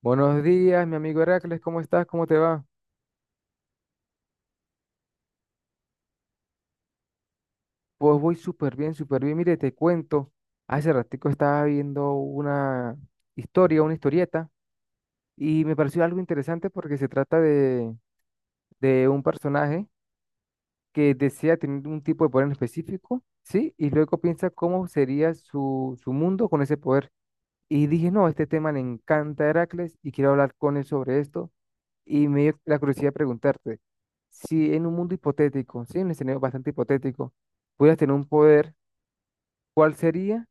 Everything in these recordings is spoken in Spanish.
Buenos días, mi amigo Heracles, ¿cómo estás? ¿Cómo te va? Pues voy súper bien, súper bien. Mire, te cuento, hace ratico estaba viendo una historia, una historieta, y me pareció algo interesante porque se trata de un personaje que desea tener un tipo de poder en específico, ¿sí? Y luego piensa cómo sería su mundo con ese poder. Y dije, no, este tema le encanta a Heracles y quiero hablar con él sobre esto. Y me dio la curiosidad de preguntarte si en un mundo hipotético, sí, un escenario bastante hipotético, pudieras tener un poder, ¿cuál sería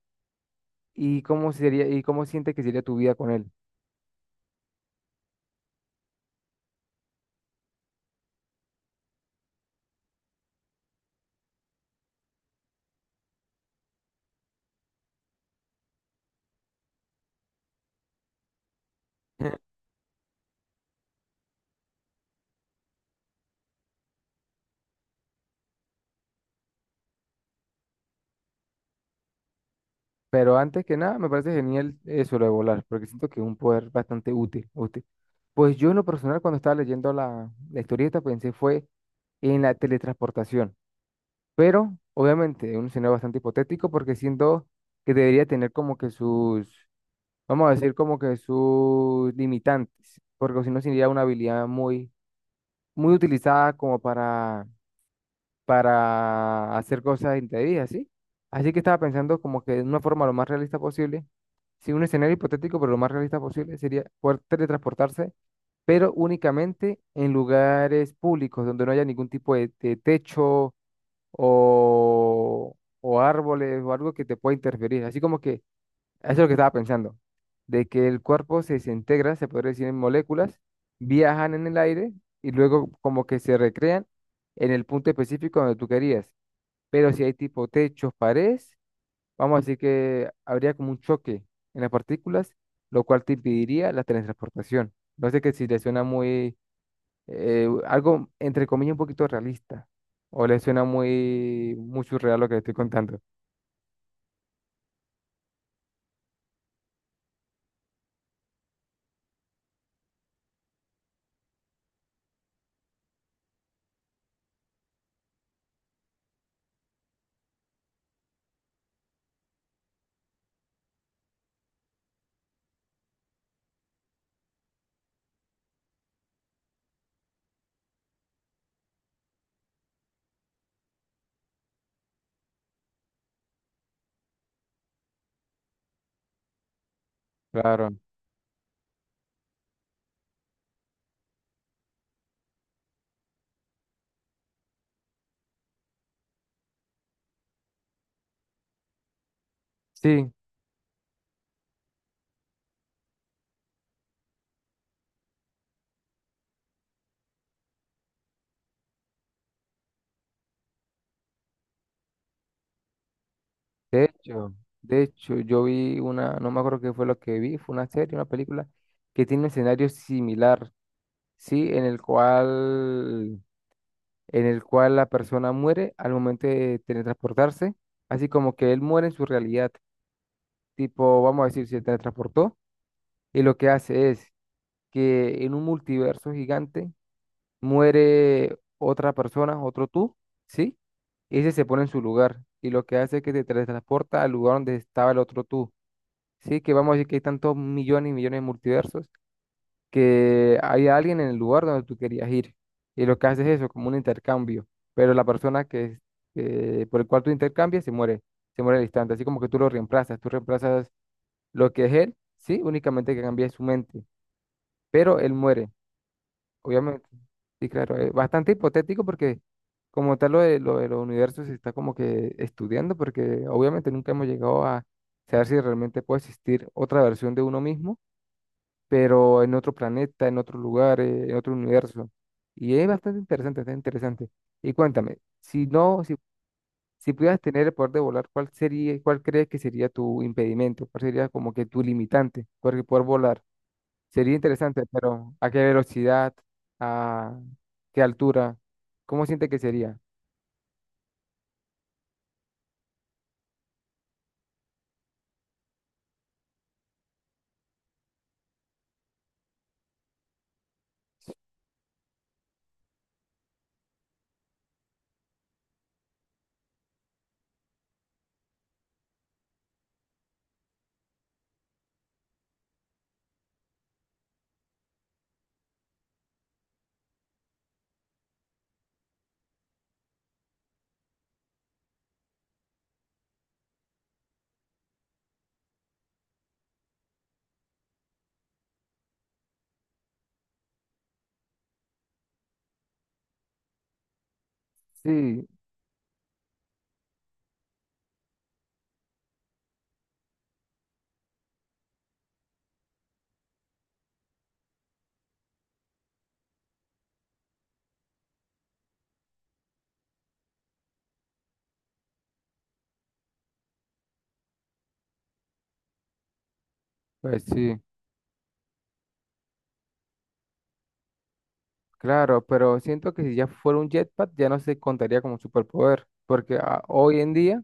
y cómo sería y cómo sientes que sería tu vida con él? Pero antes que nada, me parece genial eso lo de volar, porque siento que es un poder bastante útil, útil. Pues yo en lo personal, cuando estaba leyendo la historieta, pensé fue en la teletransportación. Pero, obviamente, es un escenario bastante hipotético, porque siento que debería tener como que sus, vamos a decir, como que sus limitantes, porque si no sería una habilidad muy utilizada como para hacer cosas indebidas, ¿sí? Así que estaba pensando como que de una forma lo más realista posible, sí, un escenario hipotético, pero lo más realista posible sería poder teletransportarse, pero únicamente en lugares públicos donde no haya ningún tipo de techo o árboles o algo que te pueda interferir. Así como que eso es lo que estaba pensando, de que el cuerpo se desintegra, se podría decir, en moléculas, viajan en el aire y luego como que se recrean en el punto específico donde tú querías. Pero si hay tipo techos, paredes, vamos a decir que habría como un choque en las partículas, lo cual te impediría la teletransportación. No sé que si le suena muy, algo entre comillas un poquito realista, o le suena muy, muy surreal lo que le estoy contando. Claro. Sí, de hecho, de hecho, yo vi una, no me acuerdo qué fue lo que vi, fue una serie, una película que tiene un escenario similar, sí, en el cual la persona muere al momento de teletransportarse, así como que él muere en su realidad, tipo, vamos a decir, se teletransportó y lo que hace es que en un multiverso gigante muere otra persona, otro tú, sí, y ese se pone en su lugar y lo que hace es que te teletransporta al lugar donde estaba el otro tú. Sí, que vamos a decir que hay tantos millones y millones de multiversos que hay alguien en el lugar donde tú querías ir. Y lo que haces es eso, como un intercambio. Pero la persona por el cual tú intercambias se muere al instante. Así como que tú lo reemplazas, tú reemplazas lo que es él, sí, únicamente que cambia su mente. Pero él muere, obviamente. Sí, claro, es bastante hipotético porque como tal lo de los universos se está como que estudiando porque obviamente nunca hemos llegado a saber si realmente puede existir otra versión de uno mismo pero en otro planeta, en otro lugar, en otro universo. Y es bastante interesante, está interesante. Y cuéntame, si no, si, si pudieras tener el poder de volar, ¿cuál sería, cuál crees que sería tu impedimento? ¿Cuál sería como que tu limitante para poder volar? Sería interesante, pero ¿a qué velocidad? ¿A qué altura? ¿Cómo siente que sería? Sí, pues sí, claro, pero siento que si ya fuera un jetpack ya no se contaría como superpoder, porque ah, hoy en día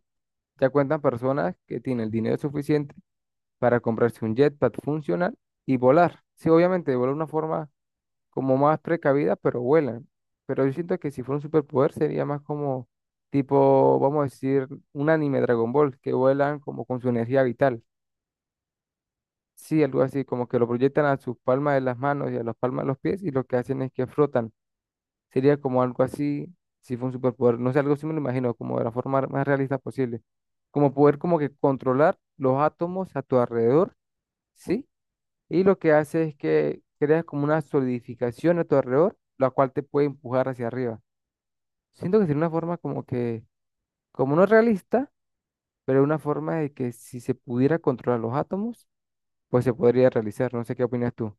ya cuentan personas que tienen el dinero suficiente para comprarse un jetpack funcional y volar. Sí, obviamente, volar de una forma como más precavida, pero vuelan. Pero yo siento que si fuera un superpoder sería más como tipo, vamos a decir, un anime Dragon Ball, que vuelan como con su energía vital. Sí, algo así, como que lo proyectan a sus palmas de las manos y a las palmas de los pies y lo que hacen es que flotan. Sería como algo así, si fue un superpoder, no sé, algo así me lo imagino, como de la forma más realista posible. Como poder como que controlar los átomos a tu alrededor, ¿sí? Y lo que hace es que creas como una solidificación a tu alrededor, la cual te puede empujar hacia arriba. Siento que sería una forma como que, como no realista, pero una forma de que si se pudiera controlar los átomos, pues se podría realizar. No sé qué opinas tú.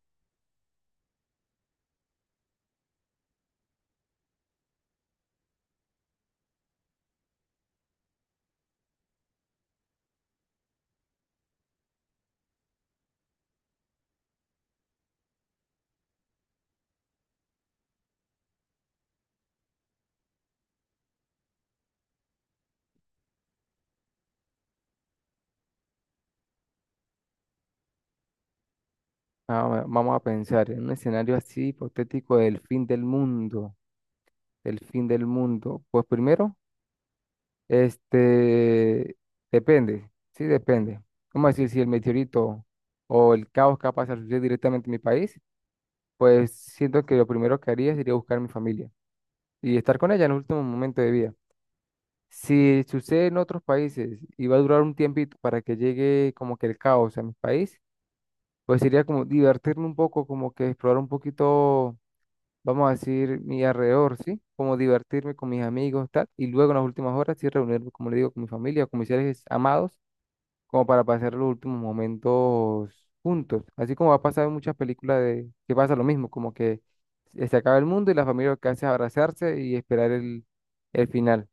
Ah, vamos a pensar en un escenario así hipotético del fin del mundo. ¿Del fin del mundo? Pues primero, este, depende, sí depende. Vamos a decir, si el meteorito o el caos capaz de suceder directamente en mi país, pues siento que lo primero que haría sería buscar a mi familia y estar con ella en el último momento de vida. Si sucede en otros países y va a durar un tiempito para que llegue como que el caos a mi país, pues sería como divertirme un poco, como que explorar un poquito, vamos a decir, mi alrededor, ¿sí? Como divertirme con mis amigos, tal, y luego en las últimas horas sí reunirme, como le digo, con mi familia o con mis seres amados, como para pasar los últimos momentos juntos. Así como va a pasar en muchas películas de que pasa lo mismo, como que se acaba el mundo y la familia lo que hace es abrazarse y esperar el final.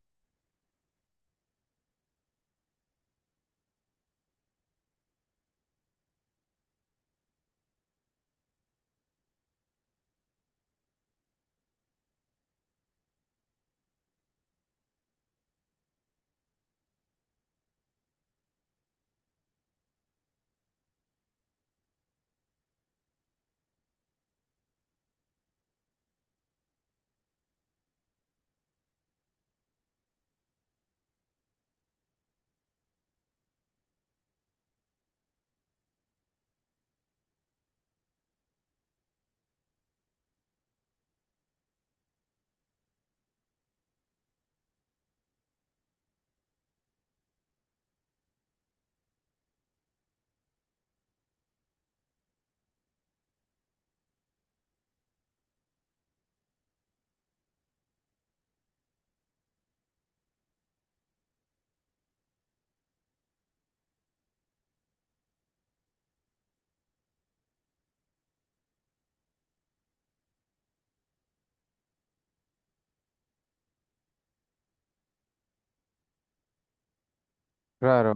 Claro.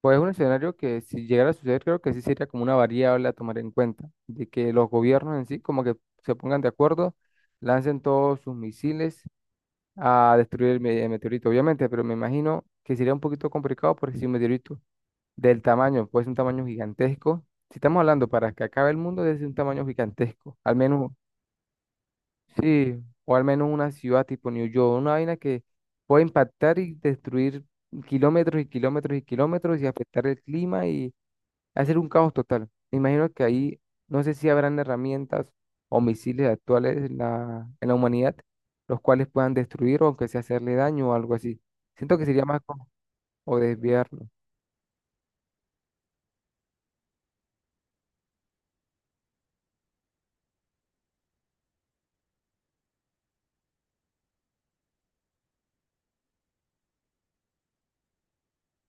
Pues es un escenario que si llegara a suceder, creo que sí sería como una variable a tomar en cuenta, de que los gobiernos en sí como que se pongan de acuerdo, lancen todos sus misiles a destruir el meteorito, obviamente, pero me imagino que sería un poquito complicado porque si un meteorito del tamaño, puede ser un tamaño gigantesco, si estamos hablando para que acabe el mundo, debe ser un tamaño gigantesco, al menos, sí, o al menos una ciudad tipo New York, una vaina que puede impactar y destruir kilómetros y kilómetros y kilómetros y afectar el clima, hacer un caos total. Me imagino que ahí no sé si habrán herramientas o misiles actuales en en la humanidad, los cuales puedan destruir o aunque sea hacerle daño o algo así. Siento que sería más como o desviarlo.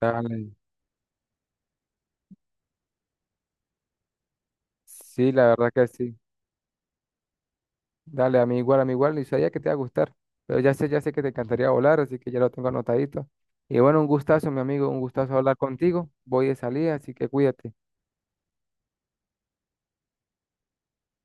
Dale. Sí, la verdad que sí. Dale, a mí igual, y sabía que te iba a gustar, pero ya sé que te encantaría volar, así que ya lo tengo anotadito. Y bueno, un gustazo, mi amigo, un gustazo hablar contigo. Voy de salida, así que cuídate.